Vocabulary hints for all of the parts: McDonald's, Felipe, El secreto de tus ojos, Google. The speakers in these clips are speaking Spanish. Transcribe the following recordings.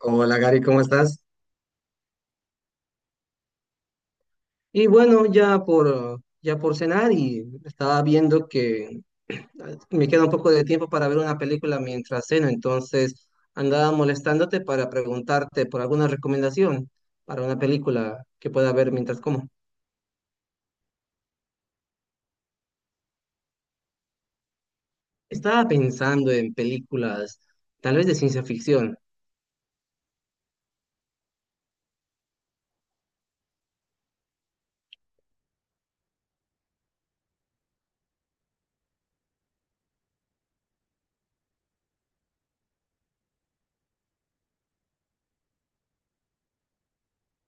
Hola Gary, ¿cómo estás? Y bueno, ya por cenar y estaba viendo que me queda un poco de tiempo para ver una película mientras ceno, entonces andaba molestándote para preguntarte por alguna recomendación para una película que pueda ver mientras como. Estaba pensando en películas tal vez de ciencia ficción.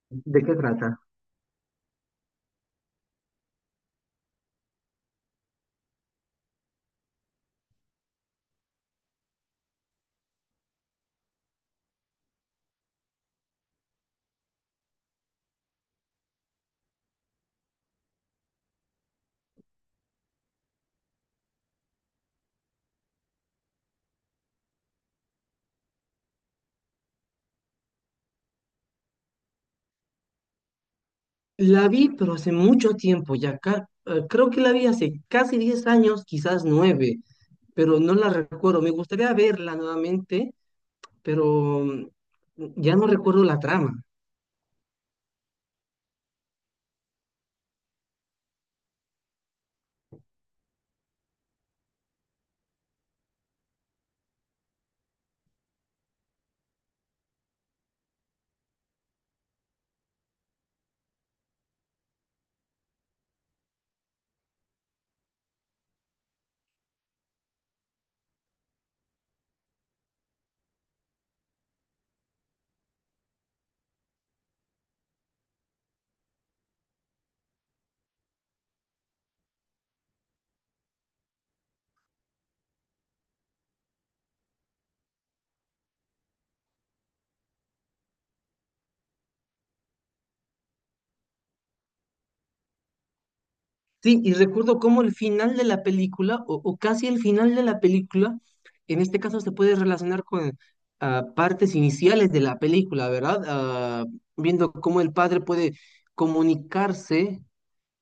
¿De qué trata? La vi, pero hace mucho tiempo ya, creo que la vi hace casi 10 años, quizás nueve, pero no la recuerdo. Me gustaría verla nuevamente, pero ya no recuerdo la trama. Sí, y recuerdo cómo el final de la película, o casi el final de la película, en este caso se puede relacionar con partes iniciales de la película, ¿verdad? Viendo cómo el padre puede comunicarse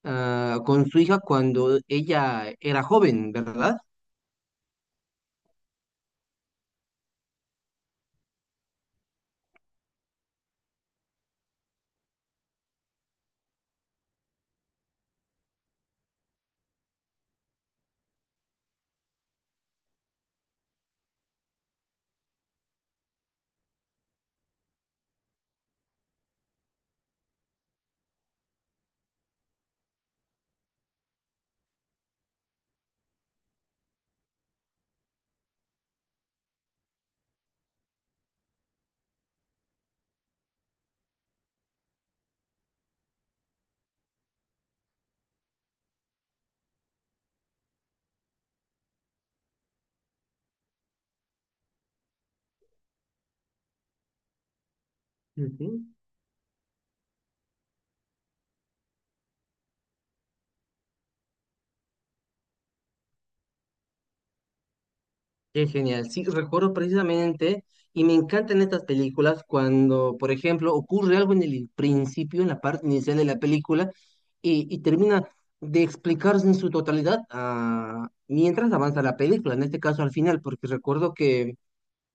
con su hija cuando ella era joven, ¿verdad? Ujú. Qué genial. Sí, recuerdo precisamente, y me encantan estas películas cuando, por ejemplo, ocurre algo en el principio, en la parte inicial de la película, y termina de explicarse en su totalidad, mientras avanza la película, en este caso al final, porque recuerdo que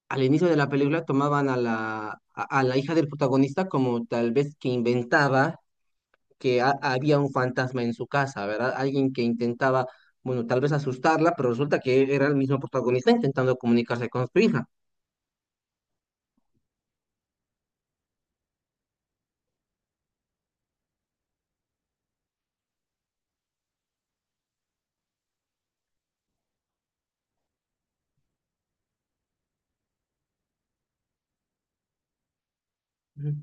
al inicio de la película tomaban a a la hija del protagonista como tal vez que inventaba que había un fantasma en su casa, ¿verdad? Alguien que intentaba, bueno, tal vez asustarla, pero resulta que era el mismo protagonista intentando comunicarse con su hija. Ujú.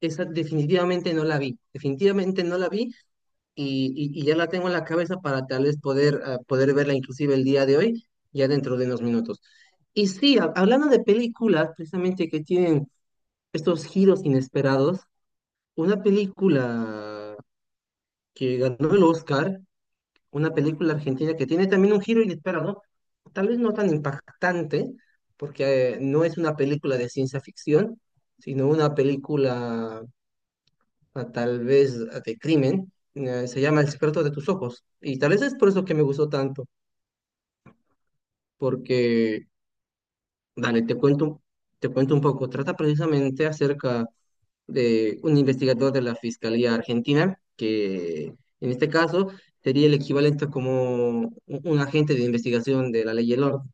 Esa definitivamente no la vi, definitivamente no la vi, y ya la tengo en la cabeza para tal vez poder, poder verla inclusive el día de hoy, ya dentro de unos minutos. Y sí, hablando de películas, precisamente que tienen estos giros inesperados, una película que ganó el Oscar, una película argentina que tiene también un giro inesperado, ¿no? Tal vez no tan impactante, porque no es una película de ciencia ficción, sino una película tal vez de crimen, se llama El secreto de tus ojos, y tal vez es por eso que me gustó tanto, porque Dale, te cuento un poco. Trata precisamente acerca de un investigador de la Fiscalía Argentina, que en este caso sería el equivalente como un agente de investigación de la ley y el orden.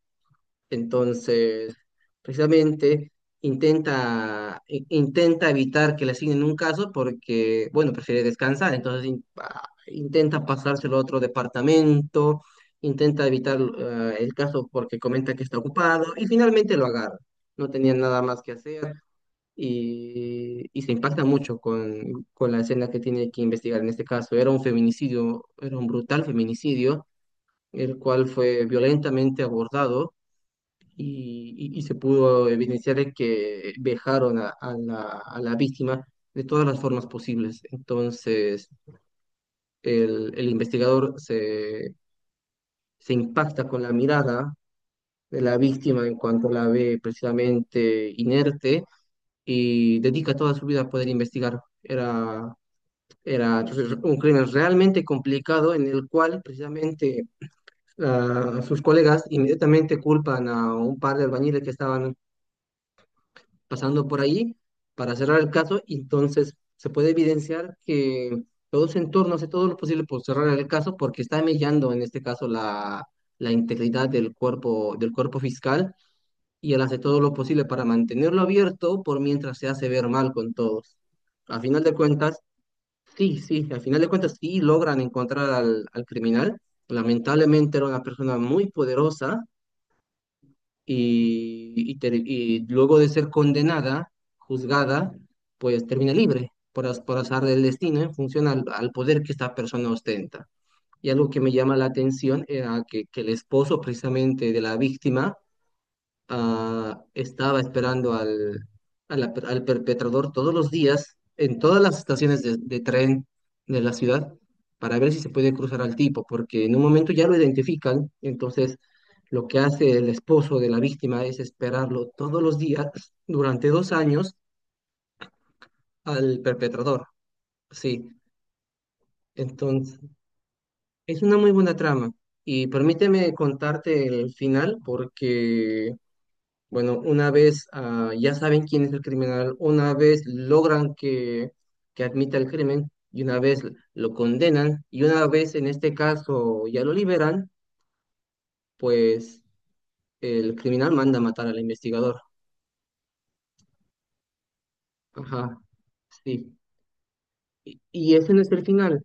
Entonces, precisamente intenta evitar que le asignen un caso porque, bueno, prefiere descansar, entonces intenta pasárselo a otro departamento, intenta evitar el caso porque comenta que está ocupado y finalmente lo agarra. No tenía nada más que hacer y se impacta mucho con la escena que tiene que investigar en este caso. Era un feminicidio, era un brutal feminicidio, el cual fue violentamente abordado y se pudo evidenciar de que vejaron a, a la víctima de todas las formas posibles. Entonces, el investigador se impacta con la mirada de la víctima en cuanto la ve precisamente inerte y dedica toda su vida a poder investigar. Era, era entonces un crimen realmente complicado en el cual precisamente... sus colegas inmediatamente culpan a un par de albañiles que estaban pasando por ahí para cerrar el caso y entonces se puede evidenciar que todo su entorno hace todo lo posible por cerrar el caso porque está mellando en este caso la integridad del cuerpo fiscal, y él hace todo lo posible para mantenerlo abierto por mientras se hace ver mal con todos. A final de cuentas, sí, sí, al final de cuentas sí logran encontrar al criminal. Lamentablemente era una persona muy poderosa y luego de ser condenada, juzgada, pues termina libre por, por azar del destino en función al poder que esta persona ostenta. Y algo que me llama la atención era que el esposo precisamente de la víctima estaba esperando al, al perpetrador todos los días en todas las estaciones de tren de la ciudad para ver si se puede cruzar al tipo, porque en un momento ya lo identifican, entonces lo que hace el esposo de la víctima es esperarlo todos los días durante 2 años al perpetrador. Sí, entonces es una muy buena trama. Y permíteme contarte el final porque bueno, una vez ya saben quién es el criminal, una vez logran que admita el crimen y una vez lo condenan y una vez en este caso ya lo liberan, pues el criminal manda a matar al investigador. Ajá, sí. Y ese no es el final.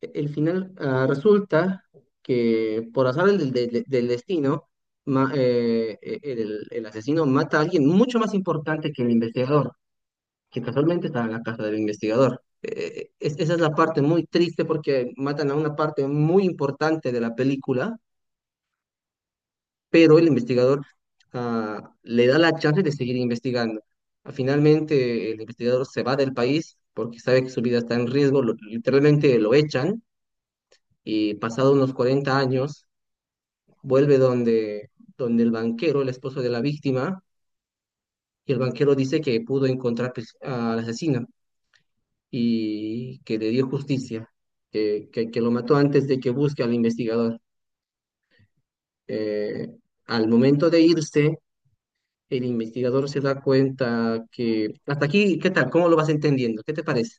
El final resulta que por azar del destino, el asesino mata a alguien mucho más importante que el investigador, que casualmente estaba en la casa del investigador. Esa es la parte muy triste porque matan a una parte muy importante de la película, pero el investigador le da la chance de seguir investigando. Finalmente, el investigador se va del país porque sabe que su vida está en riesgo, literalmente lo echan y pasado unos 40 años vuelve donde, donde el banquero, el esposo de la víctima, y el banquero dice que pudo encontrar pues al asesino y que le dio justicia, que lo mató antes de que busque al investigador. Eh, Al momento de irse, el investigador se da cuenta que... Hasta aquí, ¿qué tal? ¿Cómo lo vas entendiendo? ¿Qué te parece?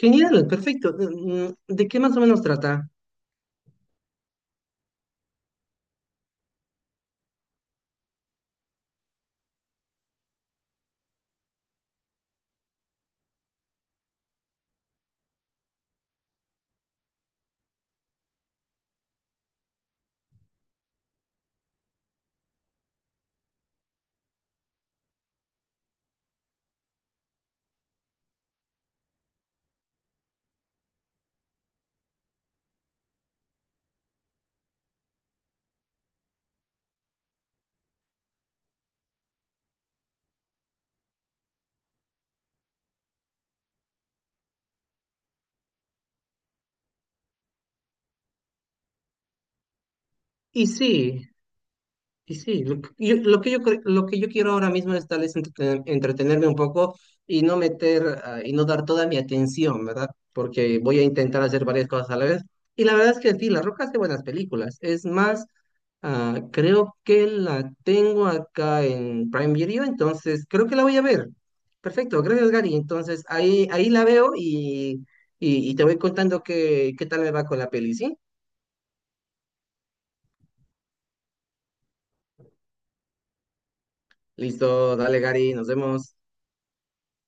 Genial, perfecto. Mm, ¿de qué más o menos trata? Y sí, y sí, lo que yo quiero ahora mismo es tal vez entretenerme un poco y no meter y no dar toda mi atención, ¿verdad? Porque voy a intentar hacer varias cosas a la vez. Y la verdad es que sí, La Roca hace buenas películas. Es más, creo que la tengo acá en Prime Video, entonces creo que la voy a ver. Perfecto, gracias Gary. Entonces ahí, ahí la veo y te voy contando qué, qué tal me va con la peli, ¿sí? Listo, dale Gary, nos vemos.